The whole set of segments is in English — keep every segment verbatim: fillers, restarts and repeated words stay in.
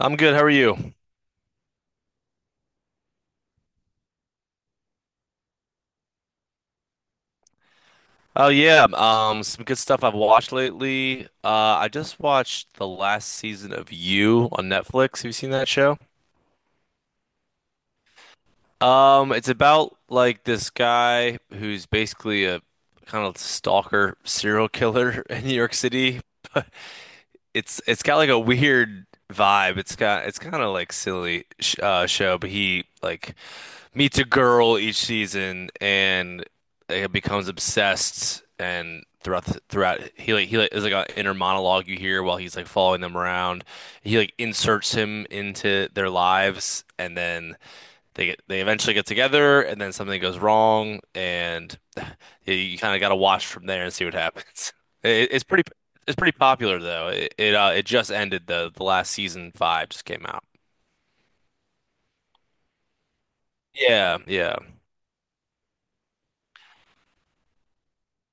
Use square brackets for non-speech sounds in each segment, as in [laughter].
I'm good. How are you? Oh yeah, um, some good stuff I've watched lately. Uh, I just watched the last season of You on Netflix. Have you seen that show? Um, it's about like this guy who's basically a kind of stalker serial killer [laughs] in New York City. It's it's got like a weird vibe. It's got it's kind of like silly sh uh, show, but he like meets a girl each season and uh, becomes obsessed and throughout the, throughout he like he like there's like an inner monologue you hear while he's like following them around. He like inserts him into their lives and then they get they eventually get together, and then something goes wrong and [sighs] you kind of got to watch from there and see what happens. [laughs] It, it's pretty it's pretty popular though. It it, uh, it just ended though. The last season five just came out. Yeah, yeah.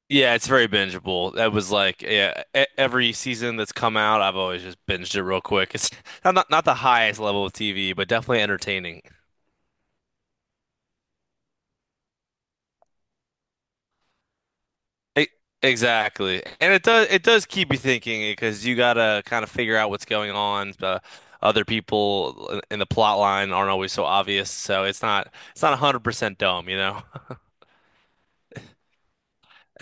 Yeah, it's very bingeable. That was like yeah, e- every season that's come out, I've always just binged it real quick. It's [laughs] not not, not the highest level of T V, but definitely entertaining. E- exactly, and it does it does keep you thinking because you gotta kind of figure out what's going on. The other people in the plot line aren't always so obvious, so it's not it's not one hundred percent dumb, you know. [laughs]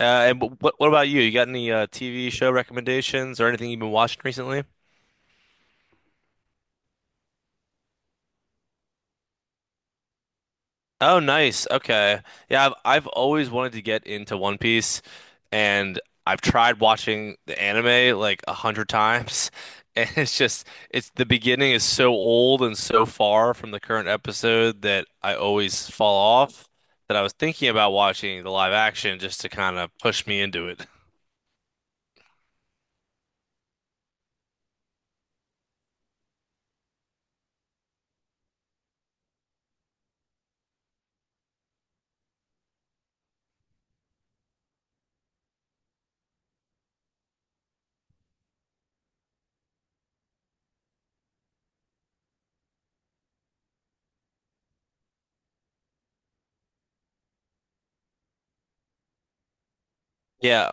Uh, and wh- what what about you? You got any uh, T V show recommendations or anything you've been watching recently? Oh, nice. Okay. Yeah, I've, I've always wanted to get into One Piece, and I've tried watching the anime like a hundred times, [laughs] and it's just it's the beginning is so old and so far from the current episode that I always fall off, that I was thinking about watching the live action just to kind of push me into it. Yeah,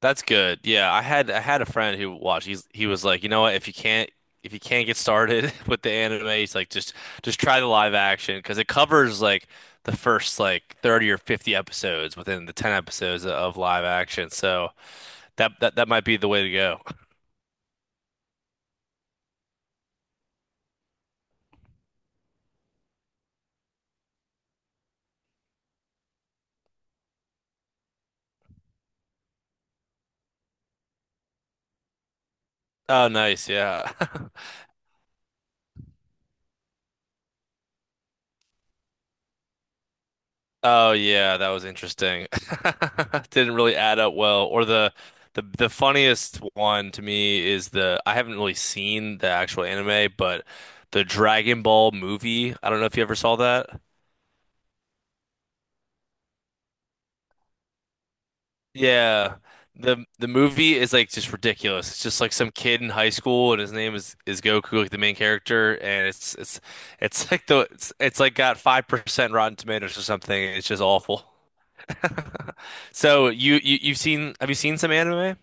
that's good. Yeah, I had I had a friend who watched. He's he was like, you know what? If you can't if you can't get started [laughs] with the anime, he's like just just try the live action because it covers like the first like thirty or fifty episodes within the ten episodes of live action. So that that that might be the way to go. [laughs] Oh, nice. Yeah. [laughs] Oh yeah, that was interesting. [laughs] Didn't really add up well. Or the the the funniest one to me is the I haven't really seen the actual anime, but the Dragon Ball movie. I don't know if you ever saw that. Yeah. The the movie is like just ridiculous. It's just like some kid in high school and his name is is Goku, like the main character, and it's it's it's like the it's, it's like got five percent Rotten Tomatoes or something. It's just awful. [laughs] So you, you you've seen have you seen some anime?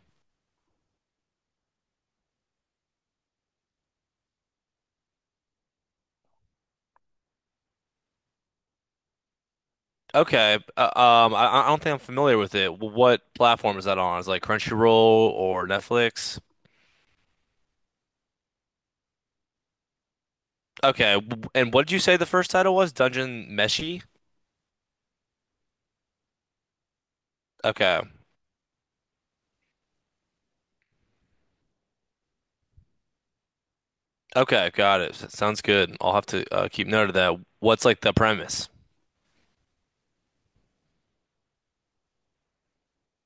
Okay. Uh, um, I, I don't think I'm familiar with it. What platform is that on? Is it like Crunchyroll or Netflix? Okay. w- And what did you say the first title was? Dungeon Meshi? Okay. Okay, got it. S- Sounds good. I'll have to uh, keep note of that. What's like the premise?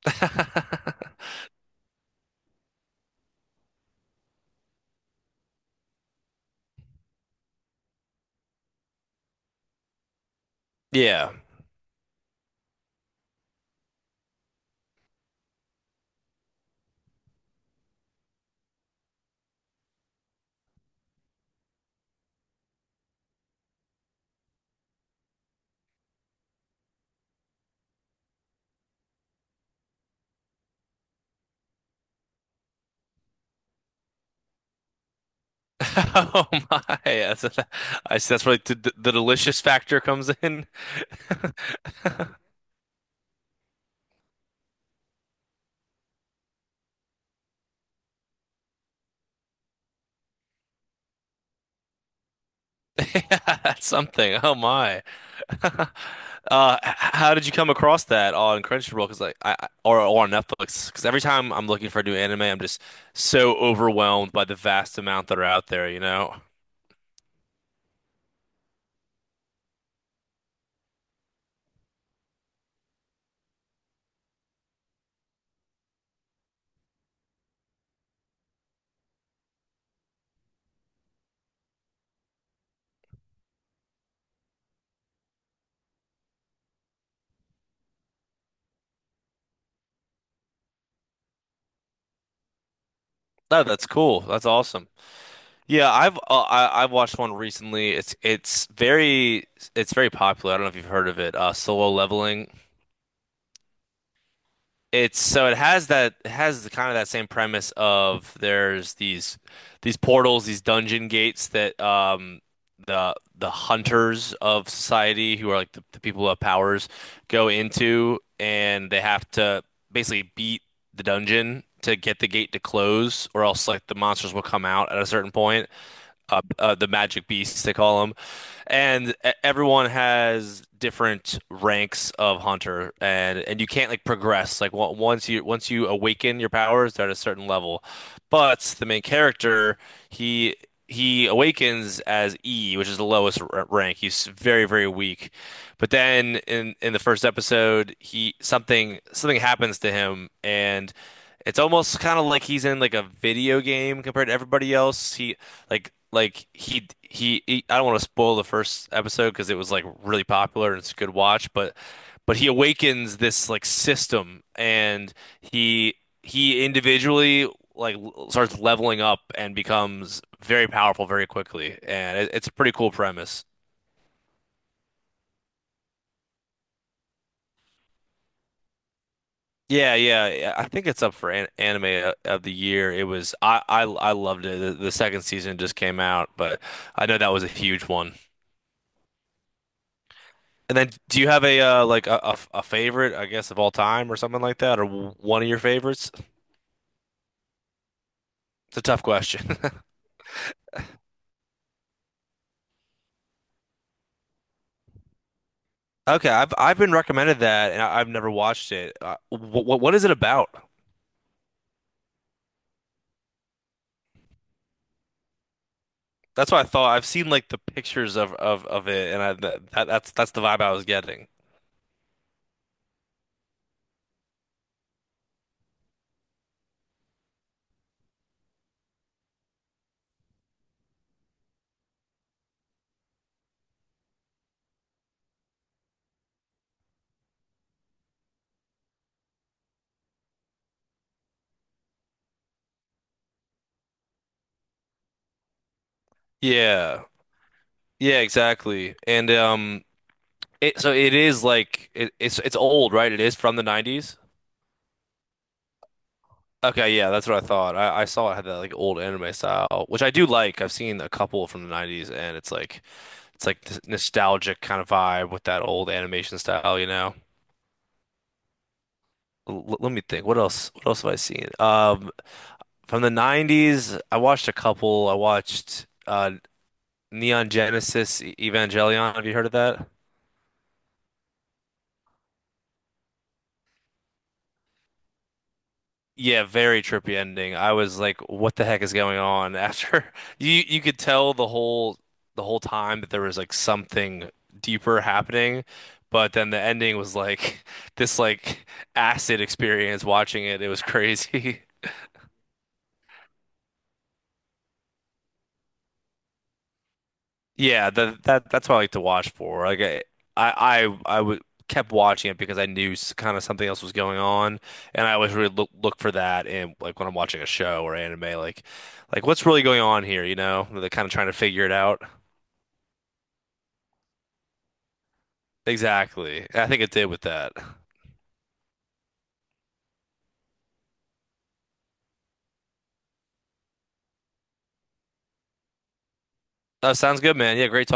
[laughs] Yeah. [laughs] Oh my. That's, [laughs] I see that's where like, the, the delicious factor comes in. [laughs] [laughs] Yeah, that's something. Oh my. [laughs] Uh, h- how did you come across that on Crunchyroll? Because like I I- or or on Netflix? Because every time I'm looking for a new anime, I'm just so overwhelmed by the vast amount that are out there. You know? No, that's cool. That's awesome. Yeah, I've uh, I, I've watched one recently. It's it's very it's very popular. I don't know if you've heard of it. Uh, Solo Leveling. It's so it has that it has the kind of that same premise of there's these these portals, these dungeon gates that um the the hunters of society who are like the, the people who have powers go into, and they have to basically beat the dungeon to get the gate to close, or else like the monsters will come out at a certain point uh, uh, the magic beasts they call them, and e- everyone has different ranks of hunter, and and you can't like progress like on- once you once you awaken your powers, they're at a certain level, but the main character he. He awakens as E, which is the lowest r rank. He's very, very weak. But then in in the first episode, he something something happens to him, and it's almost kind of like he's in like a video game compared to everybody else. He like like he he, he I don't want to spoil the first episode because it was like really popular and it's a good watch, but but he awakens this like system, and he he individually like l- starts leveling up and becomes very powerful very quickly, and it, it's a pretty cool premise. Yeah, yeah, yeah, I think it's up for an anime o- of the year. It was I I I loved it. The, the second season just came out, but I know that was a huge one. And then, do you have a uh, like a a a favorite, I guess, of all time or something like that, or w- one of your favorites? It's a tough question. [laughs] Okay, I've I've been recommended that, and I, I've never watched it. Uh, what what is it about? That's what I thought. I've seen like the pictures of of of it, and I th that, that's that's the vibe I was getting. Yeah, yeah, exactly. And um, it so it is like it, it's it's old, right? It is from the nineties. Okay, yeah, that's what I thought. I, I saw it had that like old anime style, which I do like. I've seen a couple from the nineties, and it's like it's like this nostalgic kind of vibe with that old animation style, you know. L Let me think. What else? What else have I seen? Um, from the nineties, I watched a couple. I watched uh Neon Genesis E- Evangelion. Have you heard of that? Yeah, very trippy ending. I was like, what the heck is going on after [laughs] you you could tell the whole the whole time that there was like something deeper happening, but then the ending was like [laughs] this like acid experience watching it. It was crazy. [laughs] Yeah, the, that that's what I like to watch for. Like I I I, I would kept watching it because I knew kind of something else was going on, and I always really look look for that. And like when I'm watching a show or anime, like like what's really going on here, you know? They're kind of trying to figure it out. Exactly. I think it did with that. Oh, sounds good, man. Yeah, great talk.